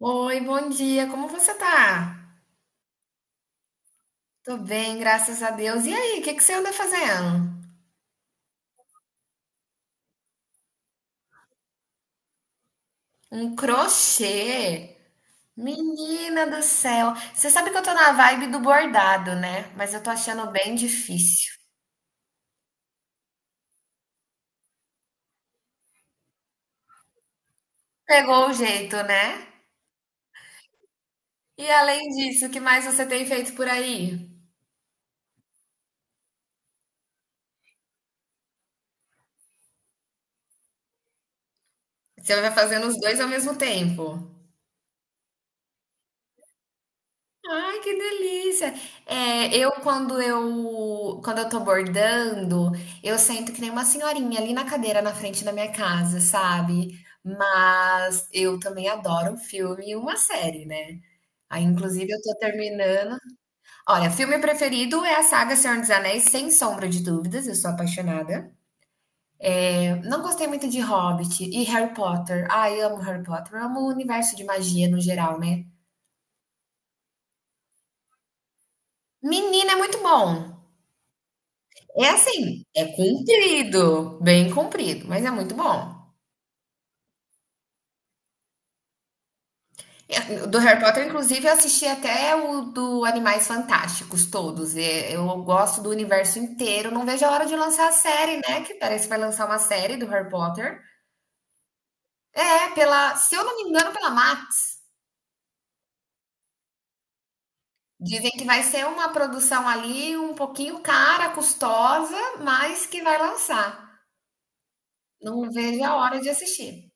Oi, bom dia. Como você tá? Tô bem, graças a Deus. E aí, o que que você anda fazendo? Um crochê? Menina do céu. Você sabe que eu tô na vibe do bordado, né? Mas eu tô achando bem difícil. Pegou o jeito, né? E além disso, o que mais você tem feito por aí? Você vai fazendo os dois ao mesmo tempo. Ai, que delícia! É, eu quando eu quando eu tô bordando, eu sento que nem uma senhorinha ali na cadeira na frente da minha casa, sabe? Mas eu também adoro um filme e uma série, né? Aí, inclusive, eu tô terminando. Olha, filme preferido é a saga Senhor dos Anéis, sem sombra de dúvidas, eu sou apaixonada. Não gostei muito de Hobbit e Harry Potter. Ai, amo Harry Potter, amo o universo de magia no geral, né? Menina, é muito bom. É assim, é comprido, bem comprido, mas é muito bom. Do Harry Potter, inclusive, eu assisti até o do Animais Fantásticos todos. E Eu gosto do universo inteiro. Não vejo a hora de lançar a série, né? Que parece que vai lançar uma série do Harry Potter. É, se eu não me engano, pela Max. Dizem que vai ser uma produção ali um pouquinho cara, custosa, mas que vai lançar. Não vejo a hora de assistir.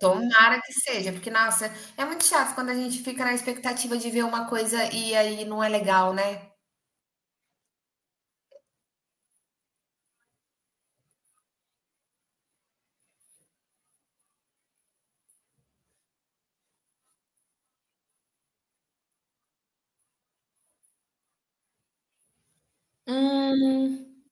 Tomara que seja, porque, nossa, é muito chato quando a gente fica na expectativa de ver uma coisa e aí não é legal, né? Hum.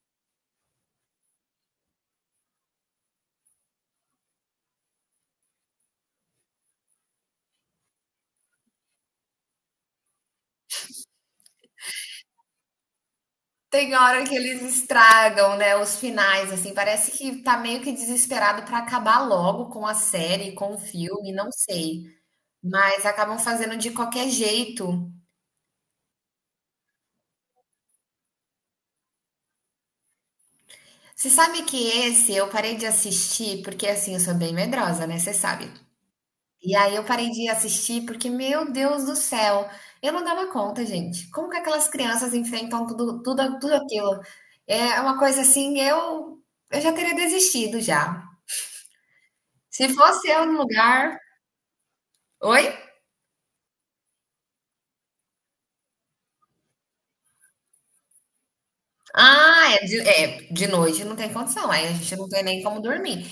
Tem hora que eles estragam, né, os finais, assim, parece que tá meio que desesperado pra acabar logo com a série, com o filme, não sei. Mas acabam fazendo de qualquer jeito. Você sabe que esse eu parei de assistir, porque assim, eu sou bem medrosa, né? Você sabe. E aí eu parei de assistir porque, meu Deus do céu, eu não dava conta, gente. Como que aquelas crianças enfrentam tudo, tudo, tudo aquilo? É uma coisa assim, eu já teria desistido já. Se fosse eu no lugar. Oi? Ah, de noite não tem condição, aí a gente não tem nem como dormir.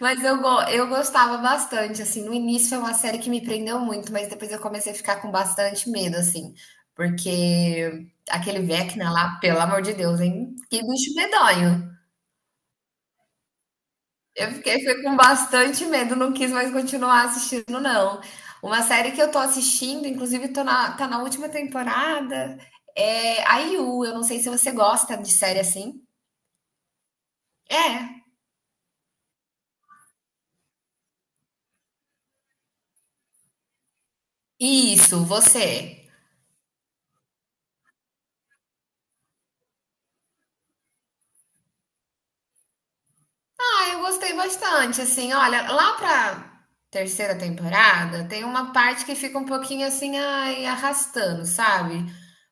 Mas eu, eu gostava bastante, assim, no início foi uma série que me prendeu muito, mas depois eu comecei a ficar com bastante medo, assim, porque aquele Vecna lá, pelo amor de Deus, hein? Que bicho medonho. Eu fiquei com bastante medo, não quis mais continuar assistindo, não. Uma série que eu tô assistindo, inclusive tá na última temporada, é a IU, eu não sei se você gosta de série assim. É, isso, você. É. Ah, eu gostei bastante, assim, olha, lá pra terceira temporada tem uma parte que fica um pouquinho assim, ai, arrastando, sabe?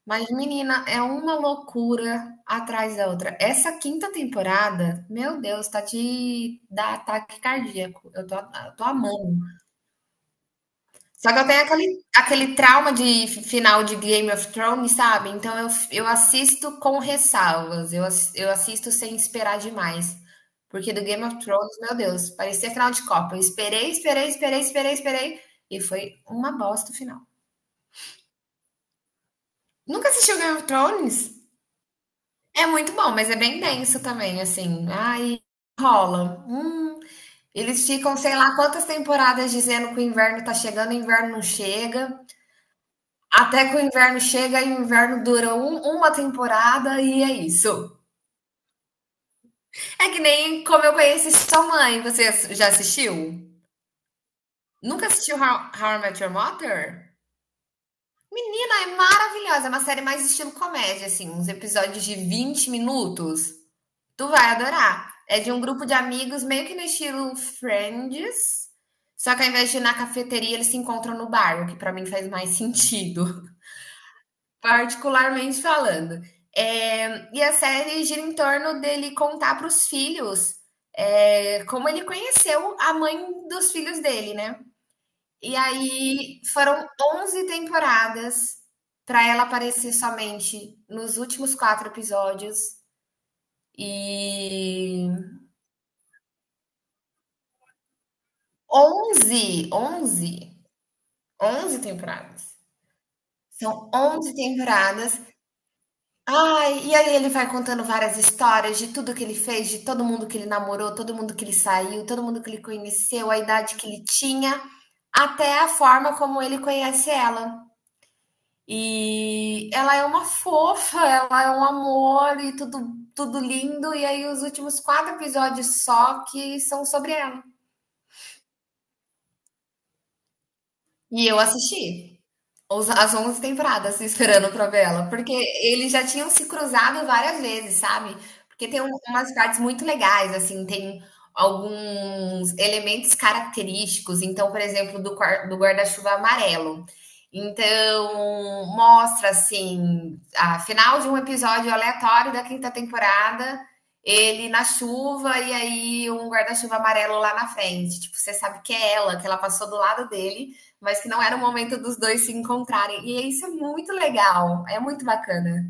Mas, menina, é uma loucura atrás da outra. Essa quinta temporada, meu Deus, tá de dar ataque cardíaco. Eu tô amando. Só que eu tenho aquele trauma de final de Game of Thrones, sabe? Então eu assisto com ressalvas. Eu assisto sem esperar demais. Porque do Game of Thrones, meu Deus, parecia final de Copa. Eu esperei, esperei, esperei, esperei, esperei. E foi uma bosta o final. Nunca assistiu Game of Thrones? É muito bom, mas é bem denso também, assim. Ai, rola. Eles ficam, sei lá, quantas temporadas dizendo que o inverno tá chegando, o inverno não chega. Até que o inverno chega e o inverno dura uma temporada e é isso. É que nem Como Eu Conheci Sua Mãe. Você já assistiu? Nunca assistiu How I Met Your Mother? Não, é maravilhosa. É uma série mais estilo comédia, assim. Uns episódios de 20 minutos. Tu vai adorar. É de um grupo de amigos meio que no estilo Friends. Só que ao invés de ir na cafeteria, eles se encontram no bar, o que pra mim faz mais sentido. Particularmente falando. É, e a série gira em torno dele contar para os filhos é, como ele conheceu a mãe dos filhos dele, né? E aí foram 11 temporadas para ela aparecer somente nos últimos quatro episódios. E 11, 11, 11 temporadas. São 11 temporadas. Ai, e aí ele vai contando várias histórias de tudo que ele fez, de todo mundo que ele namorou, todo mundo que ele saiu, todo mundo que ele conheceu, a idade que ele tinha, até a forma como ele conhece ela. E ela é uma fofa, ela é um amor e tudo, tudo lindo. E aí os últimos quatro episódios só que são sobre ela. E eu assisti. Os as 11 temporadas se esperando pra ver ela, porque eles já tinham se cruzado várias vezes, sabe. Porque tem umas partes muito legais, assim, tem alguns elementos característicos, então, por exemplo, do guarda-chuva amarelo. Então, mostra, assim, a final de um episódio aleatório da quinta temporada, ele na chuva e aí um guarda-chuva amarelo lá na frente, tipo, você sabe que é ela, que ela passou do lado dele, mas que não era o momento dos dois se encontrarem. E isso é muito legal, é muito bacana.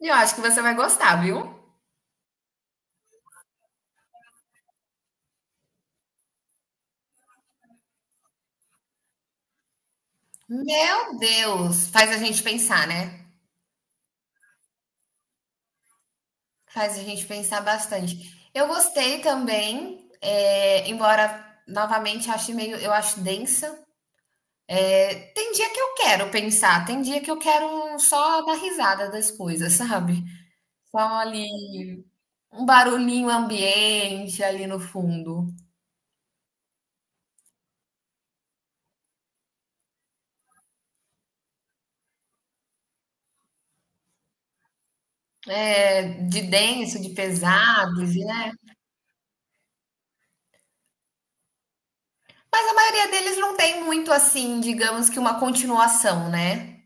E eu acho que você vai gostar, viu? Meu Deus, faz a gente pensar, né? Faz a gente pensar bastante. Eu gostei também, é, embora novamente ache meio, eu acho densa. Tem dia que eu quero pensar, tem dia que eu quero só dar risada das coisas, sabe? Só ali um barulhinho ambiente ali no fundo. É, de denso, de pesados, né? Mas a maioria deles não tem muito assim, digamos que uma continuação, né?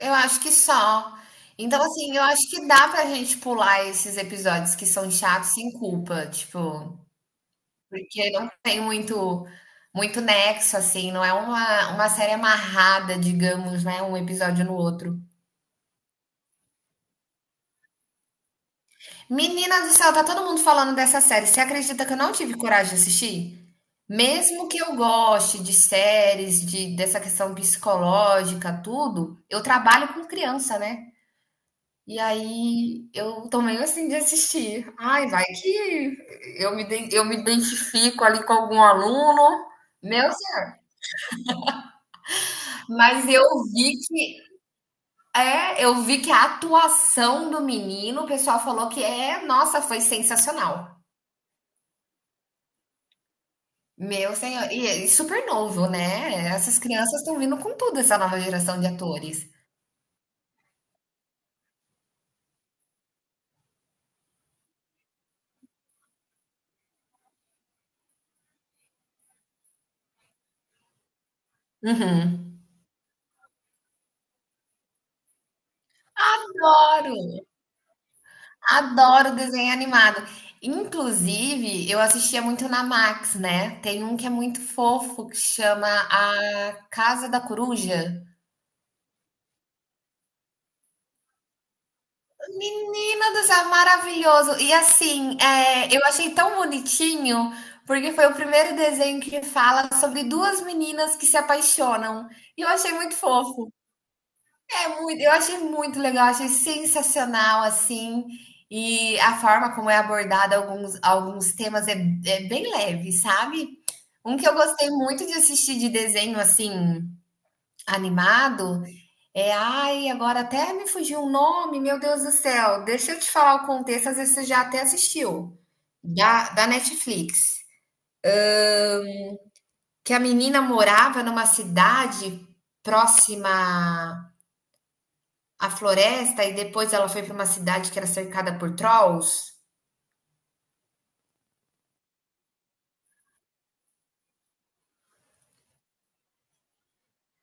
Eu acho que só. Então, assim, eu acho que dá pra gente pular esses episódios que são chatos sem culpa, tipo, porque não tem muito nexo, assim, não é uma série amarrada, digamos, né? Um episódio no outro. Menina do céu, tá todo mundo falando dessa série. Você acredita que eu não tive coragem de assistir? Mesmo que eu goste de séries, de dessa questão psicológica, tudo, eu trabalho com criança, né? E aí eu tô meio assim de assistir. Ai, vai que eu me identifico ali com algum aluno. Meu, mas eu vi que eu vi que a atuação do menino, o pessoal falou que é, nossa, foi sensacional. Meu senhor, e super novo, né. Essas crianças estão vindo com tudo, essa nova geração de atores. Uhum. Adoro, adoro desenho animado. Inclusive, eu assistia muito na Max, né. Tem um que é muito fofo que chama A Casa da Coruja. Menina do céu, maravilhoso. E assim, eu achei tão bonitinho, porque foi o primeiro desenho que fala sobre 2 meninas que se apaixonam, e eu achei muito fofo. É muito, eu achei muito legal, achei sensacional assim. E a forma como é abordada alguns, alguns temas é, é bem leve, sabe? Um que eu gostei muito de assistir de desenho assim, animado, é. Ai, agora até me fugiu um nome, meu Deus do céu. Deixa eu te falar o contexto, às vezes você já até assistiu, da Netflix. Que a menina morava numa cidade próxima a floresta e depois ela foi para uma cidade que era cercada por trolls.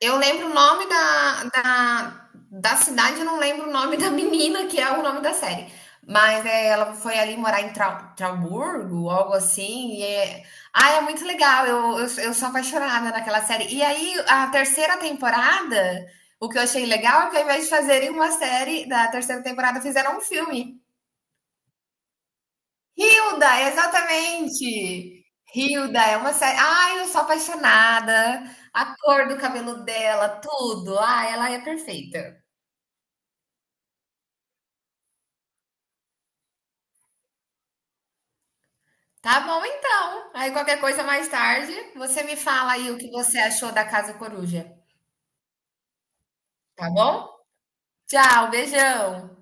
Eu lembro o nome da cidade, eu não lembro o nome da menina, que é o nome da série. Mas é, ela foi ali morar em Trauburgo, algo assim. E é... Ah, é muito legal. Eu sou apaixonada naquela série. E aí, a terceira temporada, o que eu achei legal é que ao invés de fazerem uma série da terceira temporada, fizeram um filme. Hilda, exatamente! Hilda é uma série. Ai, eu sou apaixonada. A cor do cabelo dela, tudo. Ah, ela é perfeita. Tá bom, então. Aí qualquer coisa mais tarde, você me fala aí o que você achou da Casa Coruja. Tá bom? Tchau, beijão.